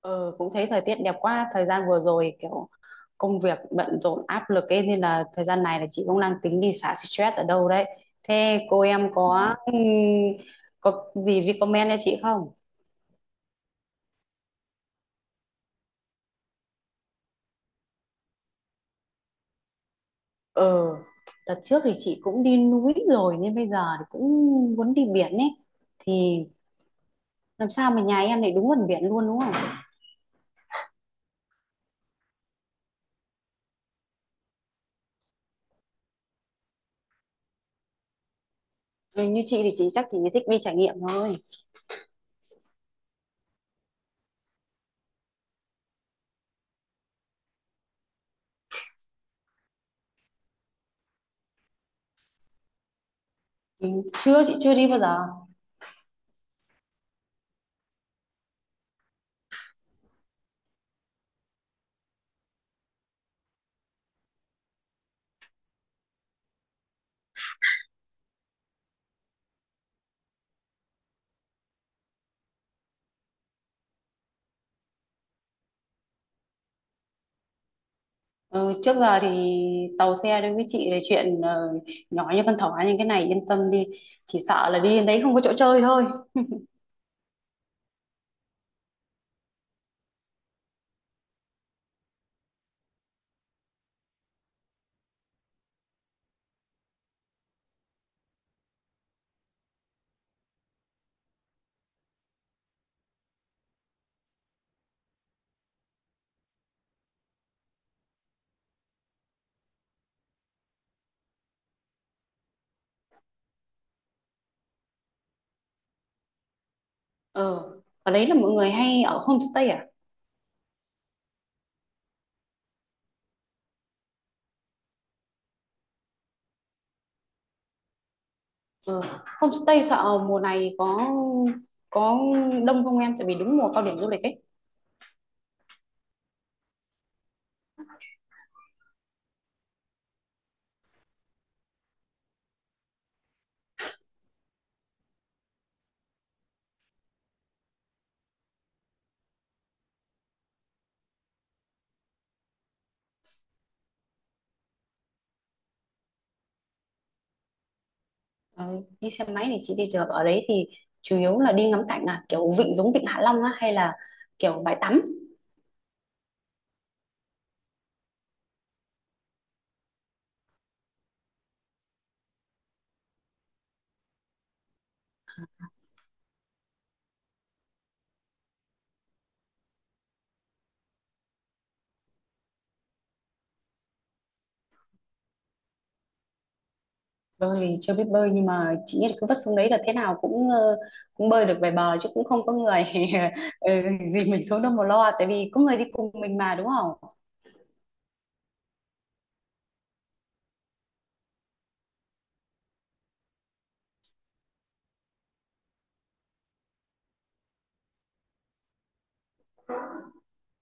Ờ, cũng thấy thời tiết đẹp quá. Thời gian vừa rồi kiểu công việc bận rộn áp lực ấy nên là thời gian này là chị cũng đang tính đi xả stress ở đâu đấy. Thế cô em có gì recommend cho chị không? Ờ, đợt trước thì chị cũng đi núi rồi nên bây giờ thì cũng muốn đi biển ấy, thì làm sao mà nhà em lại đúng gần biển luôn, đúng không? Ừ, như chị thì chị chắc chị thích đi trải nghiệm thôi. Ừ, chưa, chị chưa đi bao giờ. Ừ, trước giờ thì tàu xe đối với chị là chuyện nhỏ như con thỏ, nhưng cái này yên tâm đi, chỉ sợ là đi đến đấy không có chỗ chơi thôi. Ừ. Ở đấy là mọi người hay ở homestay à? Ừ. Homestay sợ mùa này có có đông không em, tại vì đúng mùa cao điểm du lịch ấy? Ừ. Đi xe máy thì chị đi được. Ở đấy thì chủ yếu là đi ngắm cảnh à, kiểu vịnh giống vịnh Hạ Long á, hay là kiểu bãi tắm? Bơi thì chưa biết bơi, nhưng mà chị nghĩ là cứ vất xuống đấy là thế nào cũng cũng bơi được về bờ chứ, cũng không có người ừ, gì mình xuống đâu mà lo, tại vì có người đi cùng mình mà, đúng không?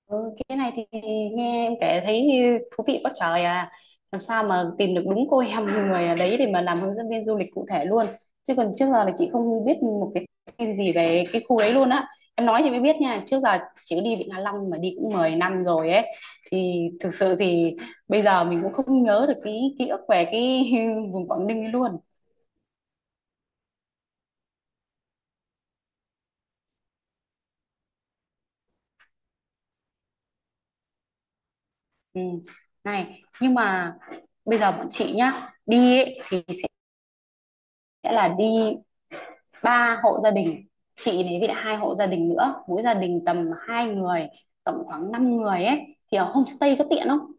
Ừ, cái này thì nghe em kể thấy như thú vị quá trời à. Làm sao mà tìm được đúng cô em người ở đấy để mà làm hướng dẫn viên du lịch cụ thể luôn, chứ còn trước giờ là chị không biết một cái gì về cái khu đấy luôn á. Em nói thì mới biết nha. Trước giờ chị đi Vịnh Hạ Long mà đi cũng 10 năm rồi ấy, thì thực sự thì bây giờ mình cũng không nhớ được cái ký ức về cái vùng Quảng Ninh ấy luôn. Ừ. Này, nhưng mà bây giờ bọn chị nhá, đi ấy, thì sẽ là đi ba hộ gia đình, chị đấy với lại hai hộ gia đình nữa, mỗi gia đình tầm hai người, tổng khoảng 5 người ấy, thì ở homestay có tiện không?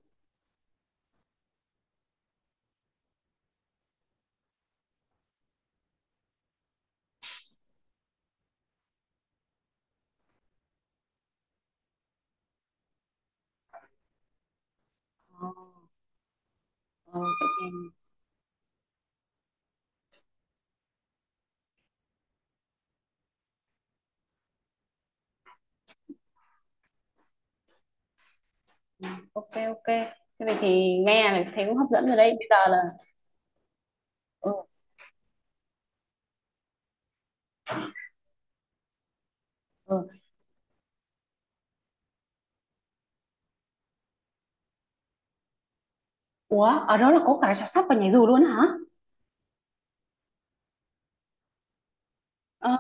Ờ, vậy thì- Ok, ok, thế vậy thì nghe là thấy cũng hấp dẫn rồi đấy. Bây giờ là ừ, ừ. Ủa, ở đó là có cả chăm sóc và nhảy dù luôn hả? Ờ,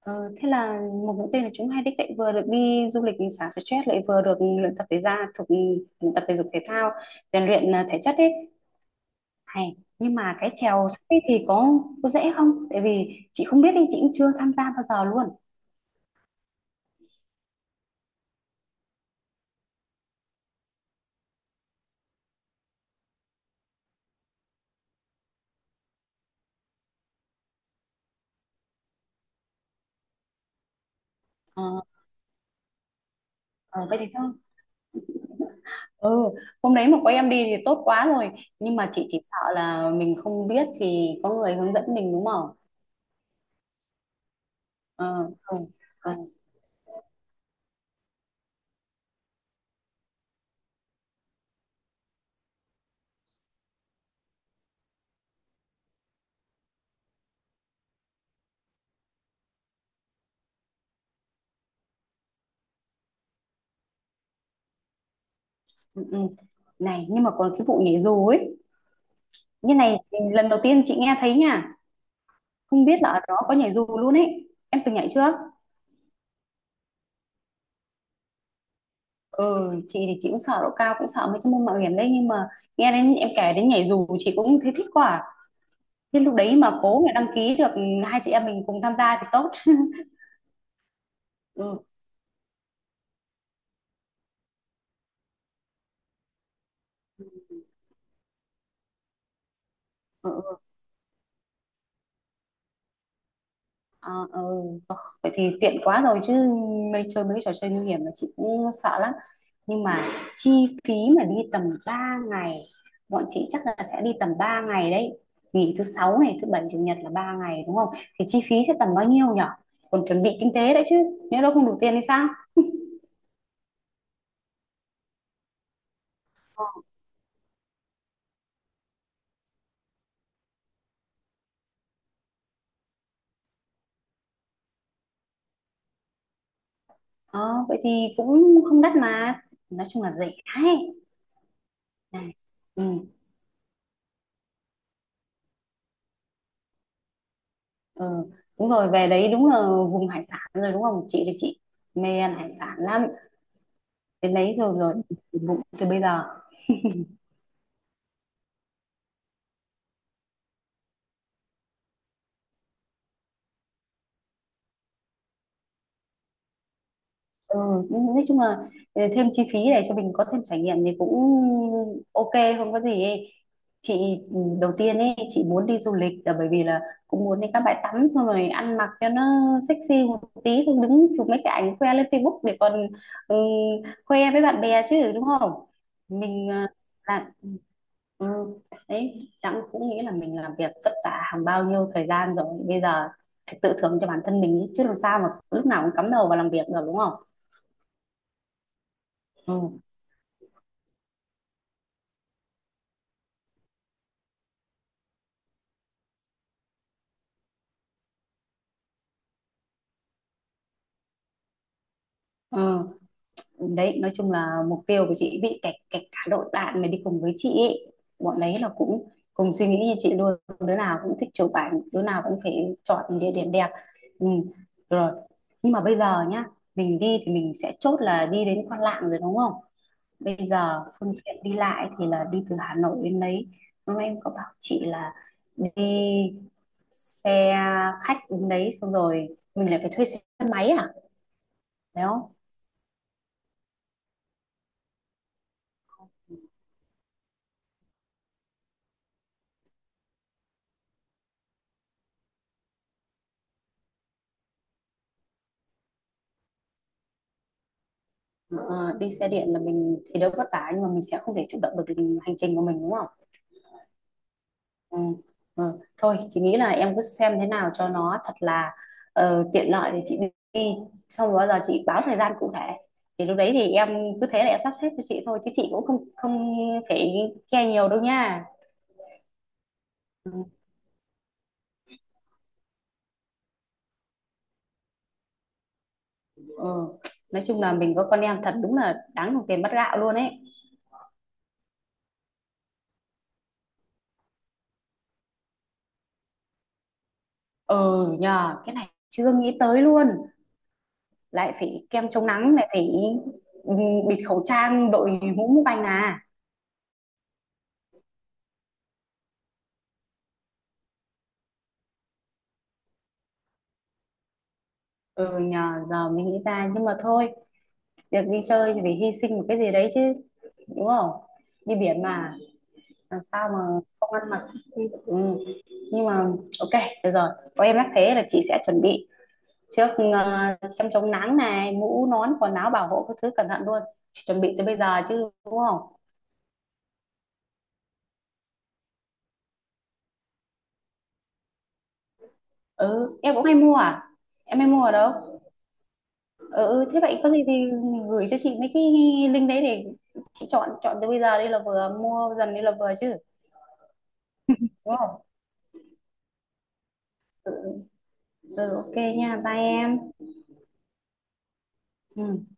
ờ, thế là một mũi tên là chúng hai đích, lại vừa được đi du lịch xả stress, lại vừa được luyện tập thể ra thuộc tập thể dục thể thao, rèn luyện thể chất ấy. Hay. Nhưng mà cái chèo sắp thì có dễ không? Tại vì chị không biết đi, chị cũng chưa tham gia bao giờ luôn. Ờ, ờ, vậy thì thôi. Ừ, hôm đấy mà có em đi thì tốt quá rồi. Nhưng mà chị chỉ sợ là mình không biết, thì có người hướng dẫn mình đúng không? Ờ, ừ, ừ, ừ. Ừ. Này, nhưng mà còn cái vụ nhảy dù ấy. Như này thì lần đầu tiên chị nghe thấy nha. Không biết là ở đó có nhảy dù luôn ấy. Em từng nhảy chưa? Ừ, chị thì chị cũng sợ độ cao, cũng sợ mấy cái môn mạo hiểm đấy. Nhưng mà nghe đến em kể đến nhảy dù chị cũng thấy thích quá à. Thế lúc đấy mà cố mà đăng ký được hai chị em mình cùng tham gia thì tốt. Ừ. Ừ, ừ, à, ừ. Ờ, vậy thì tiện quá rồi chứ, mấy chơi mấy trò chơi nguy hiểm là chị cũng sợ lắm. Nhưng mà chi phí mà đi tầm 3 ngày, bọn chị chắc là sẽ đi tầm 3 ngày đấy. Nghỉ thứ sáu này, thứ bảy chủ nhật là 3 ngày đúng không? Thì chi phí sẽ tầm bao nhiêu nhở? Còn chuẩn bị kinh tế đấy chứ. Nếu đâu không đủ tiền thì sao? Ờ, vậy thì cũng không đắt mà. Nói chung là rẻ ấy. Này. Ừ. Ờ, đúng rồi, về đấy đúng là vùng hải sản rồi đúng không? Chị thì chị mê ăn hải sản lắm, đến đấy rồi rồi thì bụng từ bây giờ. ừ, nói chung là ờ, thêm chi phí để cho mình có thêm trải nghiệm thì cũng ok, không có gì ấy. Chị ừ, đầu tiên ấy chị muốn đi du lịch là bởi vì là cũng muốn đi các bãi tắm, xong rồi ăn mặc cho nó sexy một tí, xong đứng chụp mấy cái ảnh khoe lên Facebook để còn ừ, khoe với bạn bè chứ, đúng không? Mình ờ, làm ừ, đấy Đặng cũng nghĩ là mình làm việc vất vả hàng bao nhiêu thời gian rồi, bây giờ phải tự thưởng cho bản thân mình ý, chứ làm sao mà lúc nào cũng cắm đầu vào làm việc được đúng không? Ừ. Ừ. Đấy, nói chung là mục tiêu của chị bị kẹt kẹt cả đội bạn mà đi cùng với chị ý. Bọn đấy là cũng cùng suy nghĩ như chị luôn, đứa nào cũng thích chụp ảnh, đứa nào cũng phải chọn địa điểm đẹp. Ừ. Rồi, nhưng mà bây giờ nhá, mình đi thì mình sẽ chốt là đi đến Quan Lạn rồi đúng không? Bây giờ phương tiện đi lại thì là đi từ Hà Nội đến đấy, lúc em có bảo chị là đi xe khách đến đấy, xong rồi mình lại phải thuê xe máy à, phải không? Ờ, đi xe điện là mình thì đỡ vất vả, nhưng mà mình sẽ không thể chủ động được hành trình của mình đúng không? Ừ. Ừ, thôi chị nghĩ là em cứ xem thế nào cho nó thật là tiện lợi để chị đi, xong rồi bao giờ chị báo thời gian cụ thể thì lúc đấy thì em cứ thế là em sắp xếp cho chị thôi, chứ chị cũng không không phải care nhiều đâu nha. Ừ. Nói chung là mình có con em thật đúng là đáng đồng tiền bát gạo luôn ấy. Ừ nhờ, cái này chưa nghĩ tới luôn, lại phải kem chống nắng, lại phải ừ, bịt khẩu trang, đội mũ mũ banh à. Ừ nhờ, giờ mình nghĩ ra, nhưng mà thôi, được đi chơi thì phải hy sinh một cái gì đấy chứ, đúng không? Đi biển mà, làm sao mà không ăn mặc. Ừ. Nhưng mà ok, được rồi, có em nhắc thế là chị sẽ chuẩn bị trước ờ, chăm chống nắng này, mũ nón, quần áo bảo hộ các thứ cẩn thận luôn, chuẩn bị từ bây giờ chứ đúng không? Ừ, em cũng hay mua à, em hay mua ở đâu? Ừ, ừ, thế vậy có gì thì gửi cho chị mấy cái link đấy để chị chọn chọn từ bây giờ đi là vừa, mua dần đi là vừa chứ đúng không? Ừ, ừ ok nha, bye em. Ừ.